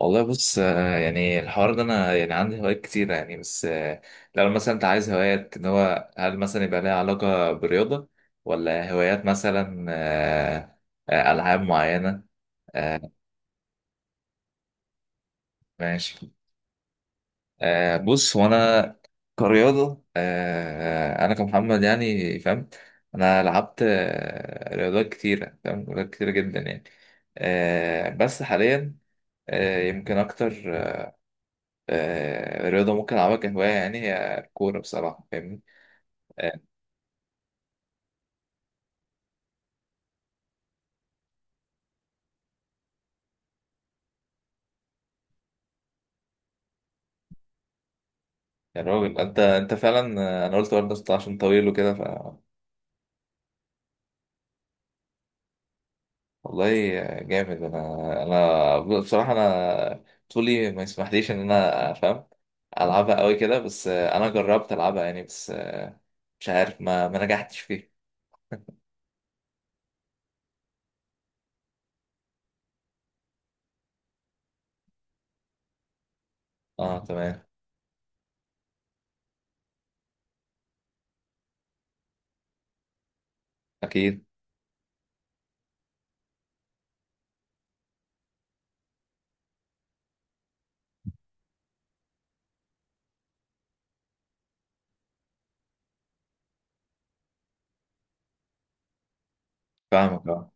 والله بص، يعني الحوار ده انا يعني عندي هوايات كتيرة يعني بس. لو مثلا انت عايز هوايات ان هو هل مثلا يبقى لها علاقة برياضة، ولا هوايات مثلا العاب معينة. آه، ماشي. بص هو انا كرياضة، انا كمحمد يعني فاهم. انا لعبت رياضات كتيرة، فاهم، رياضات كتيرة جدا يعني. بس حاليا يمكن اكتر، الرياضة ممكن ألعبها كهواية، يعني هي الكورة بصراحة، فاهمني. آه، يا راجل، أنت فعلا أنا قلت برضه، أصل عشان طويل وكده والله. جامد. أنا بصراحة، أنا طولي ما يسمحليش إن أنا أفهم ألعبها أوي كده بس. أنا جربت ألعبها يعني بس مش عارف ما نجحتش فيه. أه تمام. أكيد. فاهمك، أه.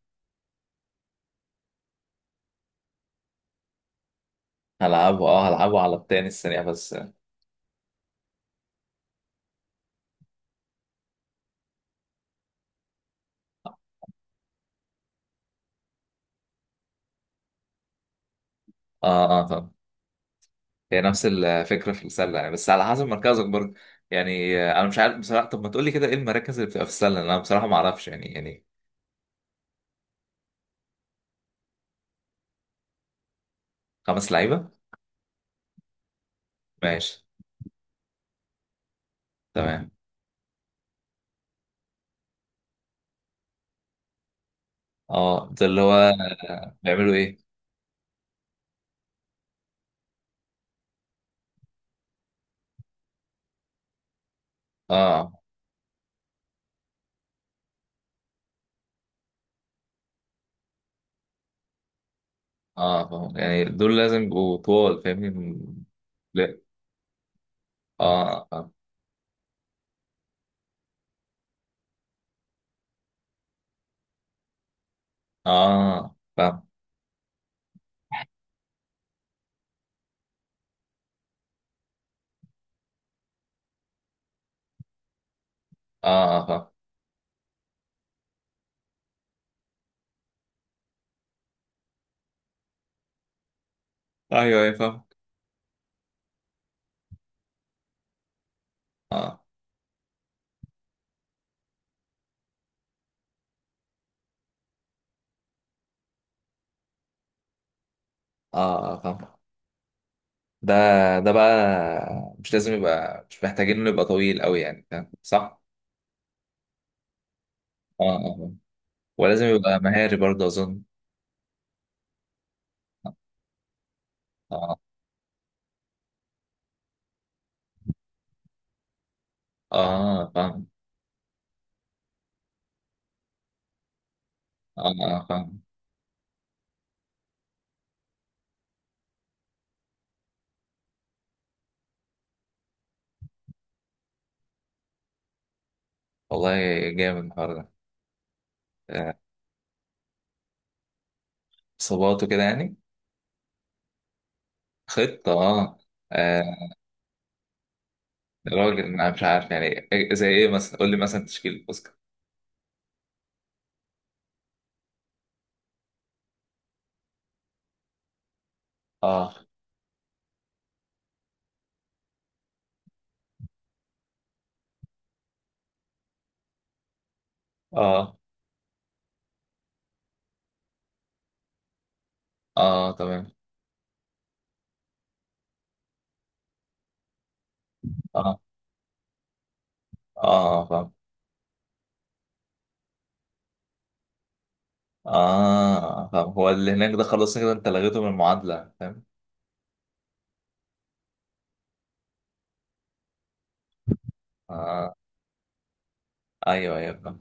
هلعبه على التاني السريع، بس. أه. آه. هي نفس الفكره في السله، يعني بس على حسب مركزك برضه. يعني انا مش عارف بصراحه. طب ما تقول لي كده، ايه المراكز اللي بتبقى في السله؟ انا بصراحه ما اعرفش، يعني. خمس لعيبه. ماشي. تمام. اه، ده اللي هو. بيعملوا ايه؟ اه اه فاهم. يعني دول لازم يبقوا طوال، فاهمني. لا. اه فاهم. اه فاهم. اه فاهم. ايوه ايوه فاهم. اه اه فاهم. ده ده بقى مش لازم. يبقى مش محتاجين انه يبقى طويل قوي يعني، فاهم صح؟ اه اه. ولازم يبقى مهاري برضه أظن. آه آه فاهم. آه آه فاهم. والله، جامد الحوار ده. آه، إصابات وكده يعني. خطة. آه، راجل، أنا مش عارف يعني، زي إيه مثلا؟ قول لي مثلا تشكيل الأوسكار. آه. آه آه تمام. آه آه فاهم. آه فاهم. هو اللي هناك ده خلاص كده، أنت لغيته من المعادلة، فاهم. آه. أيوه أيوه فاهم.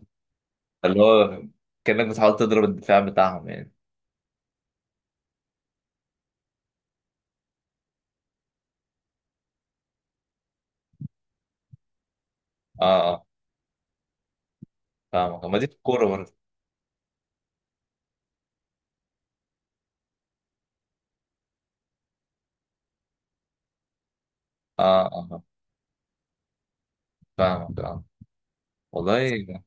اللي هو كأنك بتحاول تضرب الدفاع بتاعهم يعني. آه آه. فاهمك، ما دي في الكورة برضه. اه اه. فاهمك اه. والله.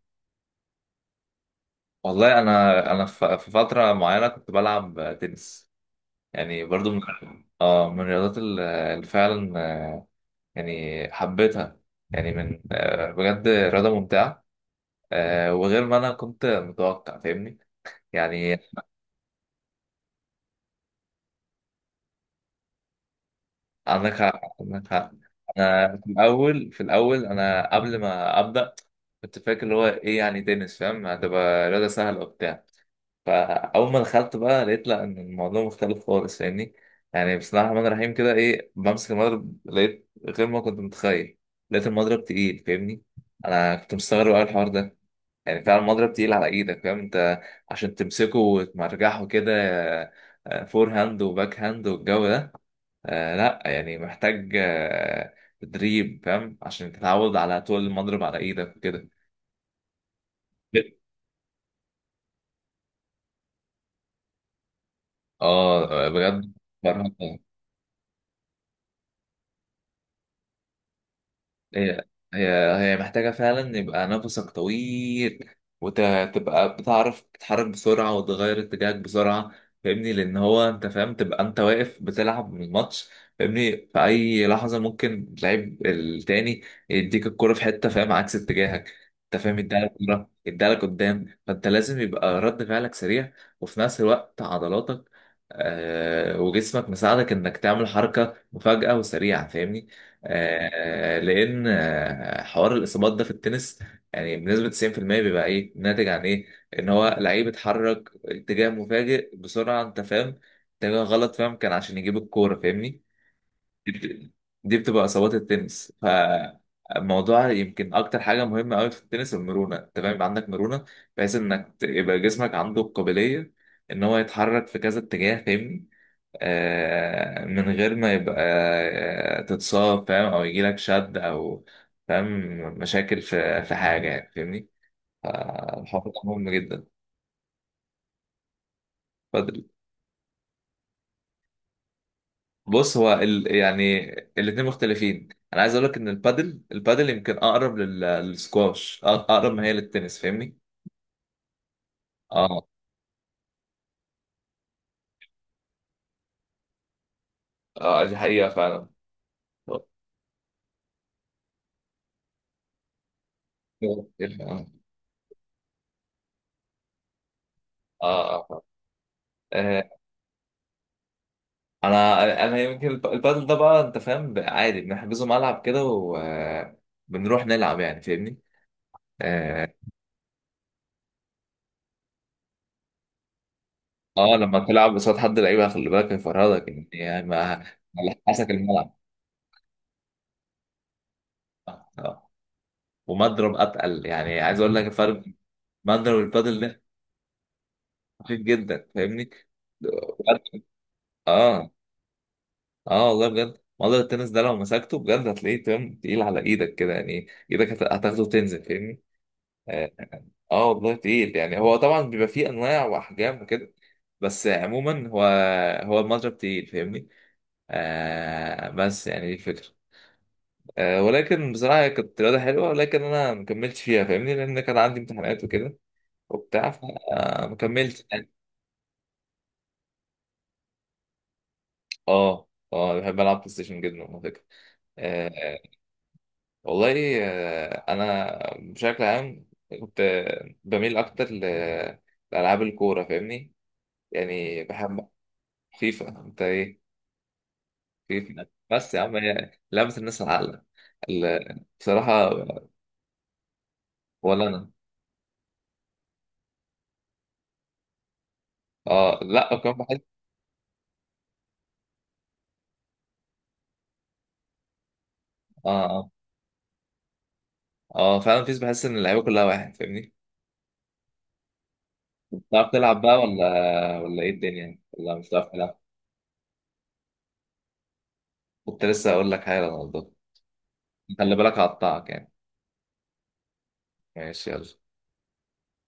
والله، انا في فتره معينه كنت بلعب تنس، يعني برضو من. اه. من الرياضات اللي فعلا يعني حبيتها، يعني من بجد رياضه ممتعه. وغير ما انا كنت متوقع، فاهمني يعني. عندك حق، عندك حق. انا في الاول، في الاول، انا قبل ما ابدا كنت فاكر اللي هو ايه، يعني تنس فاهم هتبقى رياضه سهله وبتاع. فاول ما دخلت بقى لقيت لا، ان الموضوع مختلف خالص، فاهمني يعني. بسم الله الرحمن الرحيم كده، ايه، بمسك المضرب لقيت غير ما كنت متخيل. لقيت المضرب تقيل، فاهمني. انا كنت مستغرب قوي الحوار ده، يعني فعلا المضرب تقيل على ايدك فاهم انت، عشان تمسكه وتمرجحه كده. فور هاند وباك هاند والجو ده. آه لا، يعني محتاج تدريب فاهم، عشان تتعود على طول المضرب على ايدك وكده. اه، بجد. فرهدة. هي هي هي محتاجة فعلا يبقى نفسك طويل، وتبقى بتعرف تتحرك بسرعة وتغير اتجاهك بسرعة، فاهمني. لأن هو أنت فاهم تبقى أنت واقف بتلعب من الماتش، فاهمني، في أي لحظة ممكن اللعيب التاني يديك الكرة في حتة، فاهم، عكس اتجاهك، أنت فاهم، يديها لك كورة يديها لك قدام، فأنت لازم يبقى رد فعلك سريع. وفي نفس الوقت عضلاتك وجسمك مساعدك إنك تعمل حركة مفاجئة وسريعة، فاهمني. لان حوار الاصابات ده في التنس، يعني بنسبه 90% بيبقى ايه؟ ناتج عن ايه؟ ان هو لعيب اتحرك اتجاه مفاجئ بسرعه، انت فاهم، اتجاه غلط فاهم، كان عشان يجيب الكوره، فاهمني. دي بت- دي بتبقى اصابات التنس. فالموضوع يمكن اكتر حاجه مهمه قوي في التنس المرونه، انت فاهم، يبقى عندك مرونه بحيث انك يبقى جسمك عنده القابليه ان هو يتحرك في كذا اتجاه، فاهمني. من غير ما يبقى تتصاب، فاهم، او يجي لك شد، او فاهم، مشاكل في حاجه يعني، فاهمني. فالحوار ده مهم جدا. بادل. بص، هو يعني الاثنين مختلفين. انا عايز اقول لك ان البادل يمكن اقرب للسكواش، اقرب ما هي للتنس، فاهمني. اه اه، دي حقيقه فعلا. اه. اه آه. آه، انا يمكن البادل ده بقى انت فاهم، عادي بنحجزه ملعب كده وبنروح نلعب يعني، فاهمني. اه، لما تلعب قصاد حد لعيبه خلي بالك هيفرهدك يعني ما على حسك الملعب. آه. ومضرب اتقل، يعني عايز اقول لك الفرق بين مضرب البادل ده، خفيف جدا فاهمني. بجد. اه اه. والله بجد، مضرب التنس ده لو مسكته بجد هتلاقيه تمام، تقيل على ايدك كده، يعني ايدك هتاخده وتنزل، فاهمني. آه، اه والله تقيل. يعني هو طبعا بيبقى فيه انواع واحجام وكده، بس عموما هو المضرب تقيل، فاهمني. بس يعني دي الفكره. ولكن بصراحه هي كانت رياضه حلوه، ولكن انا ما كملتش فيها، فاهمني، لان كان عندي امتحانات وكده وبتاع، فما كملتش يعني. اه اه، بحب العب بلاي ستيشن جدا على فكره. آه والله، انا بشكل عام كنت بميل اكتر لالعاب الكوره، فاهمني، يعني بحب. فيفا، انت ايه. بس يا عم، هي لعبة الناس العاقلة. بصراحة، ولا أنا. اه لا، وكمان بحس. اه اه. اه فعلا، بيس بحس إن اللعيبة كلها واحد، فاهمني. بتعرف تلعب بقى، ولا إيه الدنيا، ولا مش بتعرف تلعب؟ كنت لسه أقول لك حاجة يا رونالدو، خلي بالك هقطعك يعني. ماشي، يلا.